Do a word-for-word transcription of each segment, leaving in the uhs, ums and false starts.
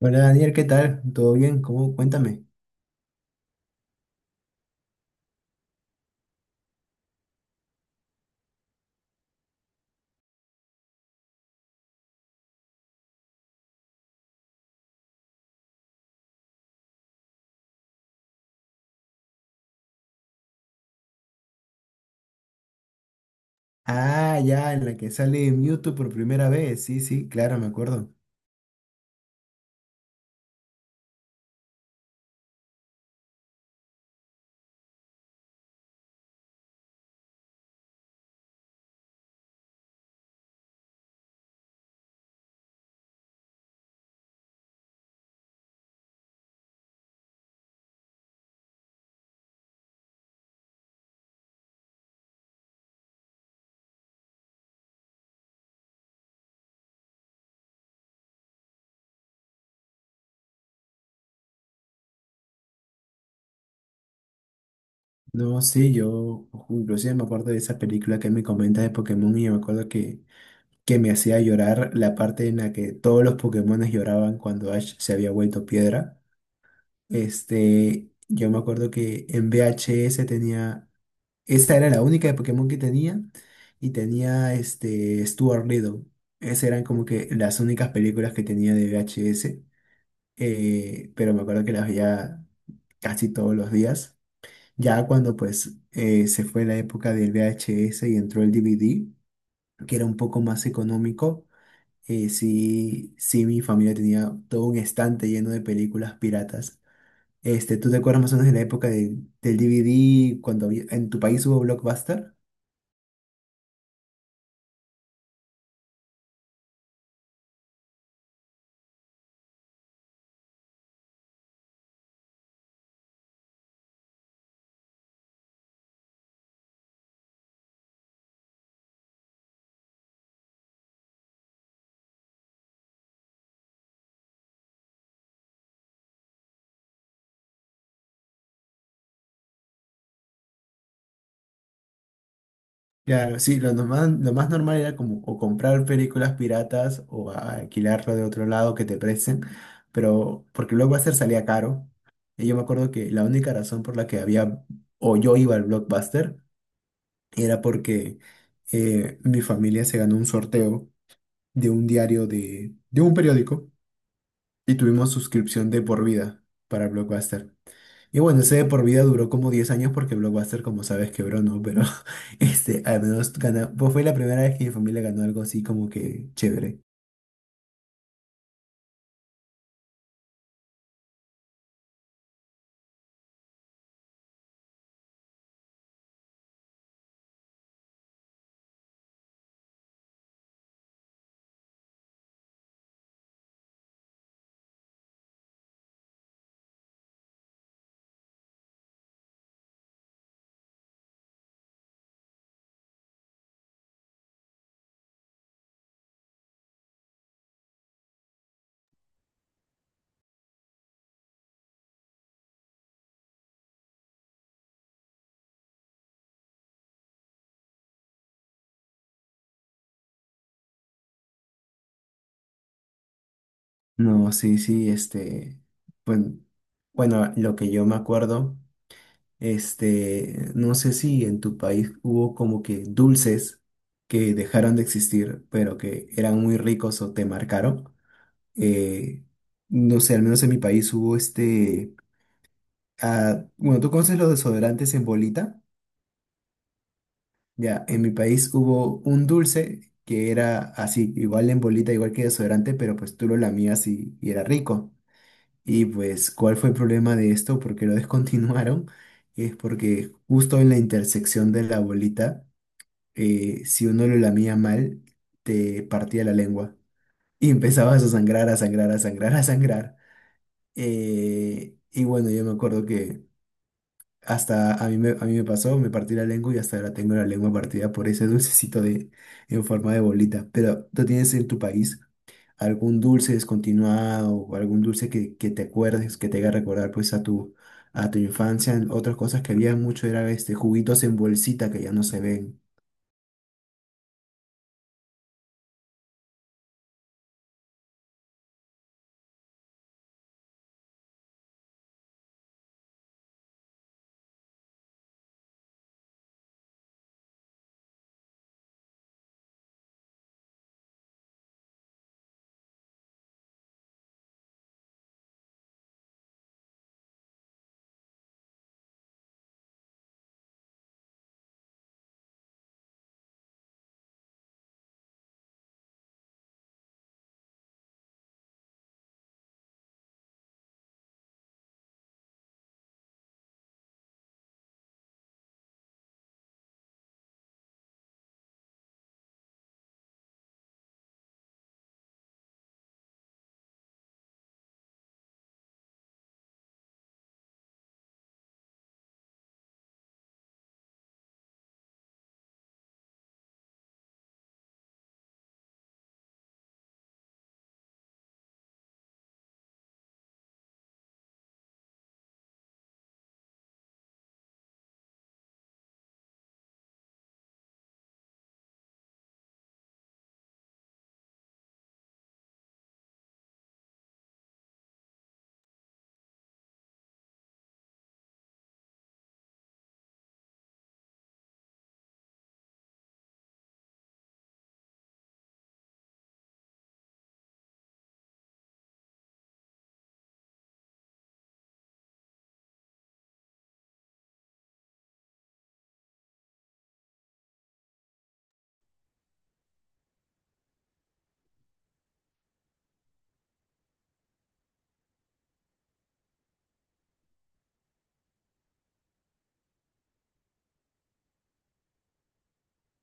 Hola Daniel, ¿qué tal? ¿Todo bien? ¿Cómo? Cuéntame. Ah, ya, en la que sale Mewtwo por primera vez. Sí, sí, claro, me acuerdo. No, sí, yo inclusive me acuerdo de esa película que me comentas de Pokémon y yo me acuerdo que, que me hacía llorar la parte en la que todos los Pokémones lloraban cuando Ash se había vuelto piedra. Este, yo me acuerdo que en V H S tenía. Esta era la única de Pokémon que tenía, y tenía este Stuart Little. Esas eran como que las únicas películas que tenía de V H S, eh, pero me acuerdo que las veía casi todos los días. Ya cuando pues eh, se fue la época del V H S y entró el D V D, que era un poco más económico, eh, sí, sí, mi familia tenía todo un estante lleno de películas piratas. Este, ¿tú te acuerdas más o menos de la época del del D V D cuando había- en tu país hubo Blockbuster? Claro, sí, lo nomás- lo más normal era como o comprar películas piratas o a- alquilarlo de otro lado que te presten, pero porque luego hacer salía caro. Y yo me acuerdo que la única razón por la que había, o yo iba al Blockbuster, era porque eh, mi familia se ganó un sorteo de un diario de, de un periódico, y tuvimos suscripción de por vida para Blockbuster. Y bueno, ese de por vida duró como diez años porque Blockbuster, como sabes, quebró, ¿no? Pero este, al menos ganó, pues fue la primera vez que mi familia ganó algo así como que chévere. No, sí, sí, este, bueno, bueno, lo que yo me acuerdo, este, no sé si en tu país hubo como que dulces que dejaron de existir, pero que eran muy ricos o te marcaron. Eh, no sé, al menos en mi país hubo este, ah, bueno, ¿tú conoces los desodorantes en bolita? Ya, en mi país hubo un dulce que era así, igual en bolita, igual que desodorante, pero pues tú lo lamías y, y era rico. Y pues, ¿cuál fue el problema de esto? Porque lo descontinuaron? Es porque justo en la intersección de la bolita, eh, si uno lo lamía mal, te partía la lengua. Y empezabas a sangrar, a sangrar, a sangrar, a sangrar. Eh, y bueno, yo me acuerdo que hasta a mí me, a mí me pasó, me partí la lengua y hasta ahora tengo la lengua partida por ese dulcecito de, en forma de bolita. Pero ¿tú tienes en tu país algún dulce descontinuado o algún dulce que, que te acuerdes, que te haga recordar pues a tu, a tu infancia? Otras cosas que había mucho era este juguitos en bolsita que ya no se ven.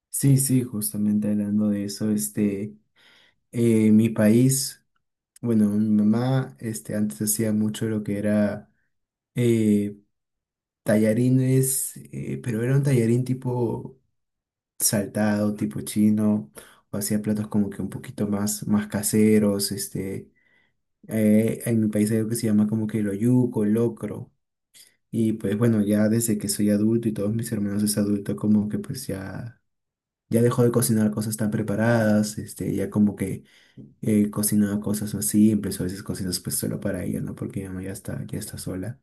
Sí, sí, justamente hablando de eso, este, eh, mi país, bueno, mi mamá, este, antes hacía mucho lo que era... tallarines, eh, pero era un tallarín tipo saltado, tipo chino, o hacía platos como que un poquito más, más caseros, este, eh, en mi país hay algo que se llama como que el oyuco, el locro, y pues bueno, ya desde que soy adulto y todos mis hermanos es adulto, como que pues ya, ya dejó de cocinar cosas tan preparadas, este, ya como que eh, cocinaba cosas así, empezó a veces cocinas pues solo para ella, ¿no? Porque mi mamá ya está, ya está sola.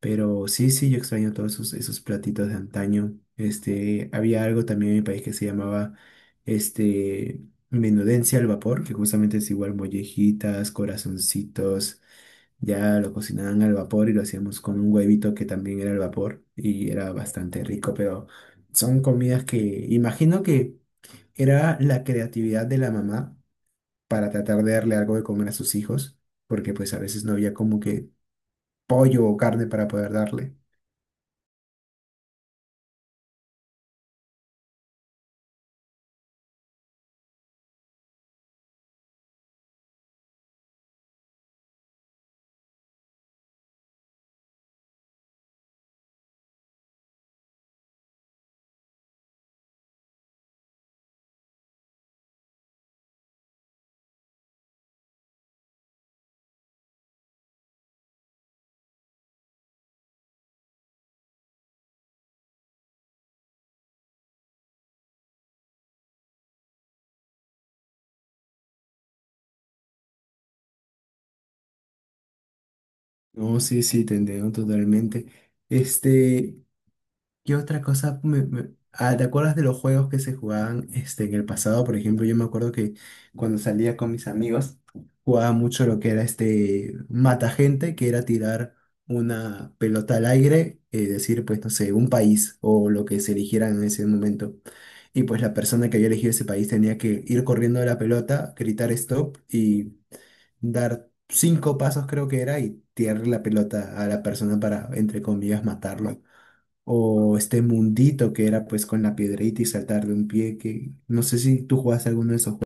Pero sí, sí, yo extraño todos esos, esos platitos de antaño. Este, había algo también en mi país que se llamaba este, menudencia al vapor, que justamente es igual mollejitas, corazoncitos. Ya lo cocinaban al vapor y lo hacíamos con un huevito que también era al vapor y era bastante rico, pero son comidas que imagino que era la creatividad de la mamá para tratar de darle algo de comer a sus hijos, porque pues a veces no había como que pollo o carne para poder darle. No, sí, sí, te entiendo totalmente. Este, ¿qué otra cosa me- me- ah, te acuerdas de los juegos que se jugaban este, ¿en el pasado? Por ejemplo, yo me acuerdo que cuando salía con mis amigos, jugaba mucho lo que era este mata gente, que era tirar una pelota al aire, eh, decir, pues, no sé, un país o lo que se eligiera en ese momento. Y pues la persona que había elegido ese país tenía que ir corriendo a la pelota, gritar stop, dar cinco pasos creo que era y tirarle la pelota a la persona para, entre comillas, matarlo. O este mundito que era pues con la piedrita y saltar de un pie, que no sé si tú jugaste alguno de esos juegos.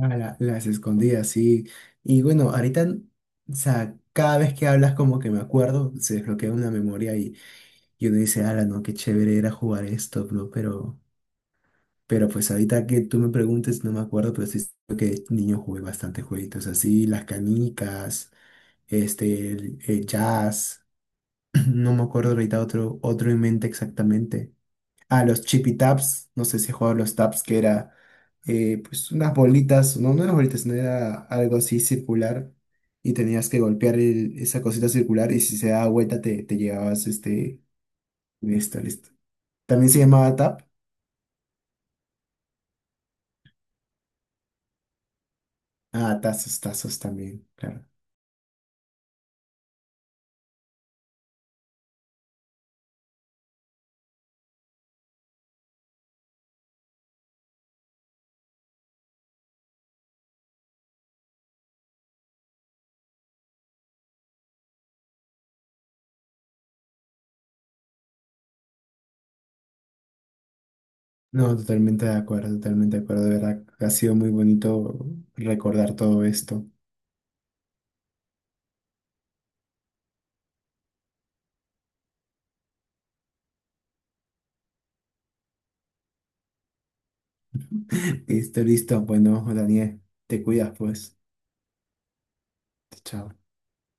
Ah, la- las escondidas, sí. Y bueno, ahorita, o sea, cada vez que hablas como que me acuerdo, se desbloquea una memoria y, y uno dice, ala, no, qué chévere era jugar esto, bro, pero... Pero pues ahorita que tú me preguntes, no me acuerdo, pero sí creo que niño jugué bastante jueguitos así, las canicas, este, el, el jazz, no me acuerdo ahorita otro, otro en mente exactamente. Ah, los chippy taps, no sé si he jugado a los taps, que era eh, pues unas bolitas, no, no eran bolitas, no era algo así circular y tenías que golpear el- esa cosita circular y si se daba vuelta te, te llevabas este, listo, listo. También se llamaba tap. Ah, tazos, tazos también, claro. No, totalmente de acuerdo, totalmente de acuerdo, de verdad. Ha sido muy bonito recordar todo esto. Listo, listo. Bueno, Daniel, te cuidas pues. Chao.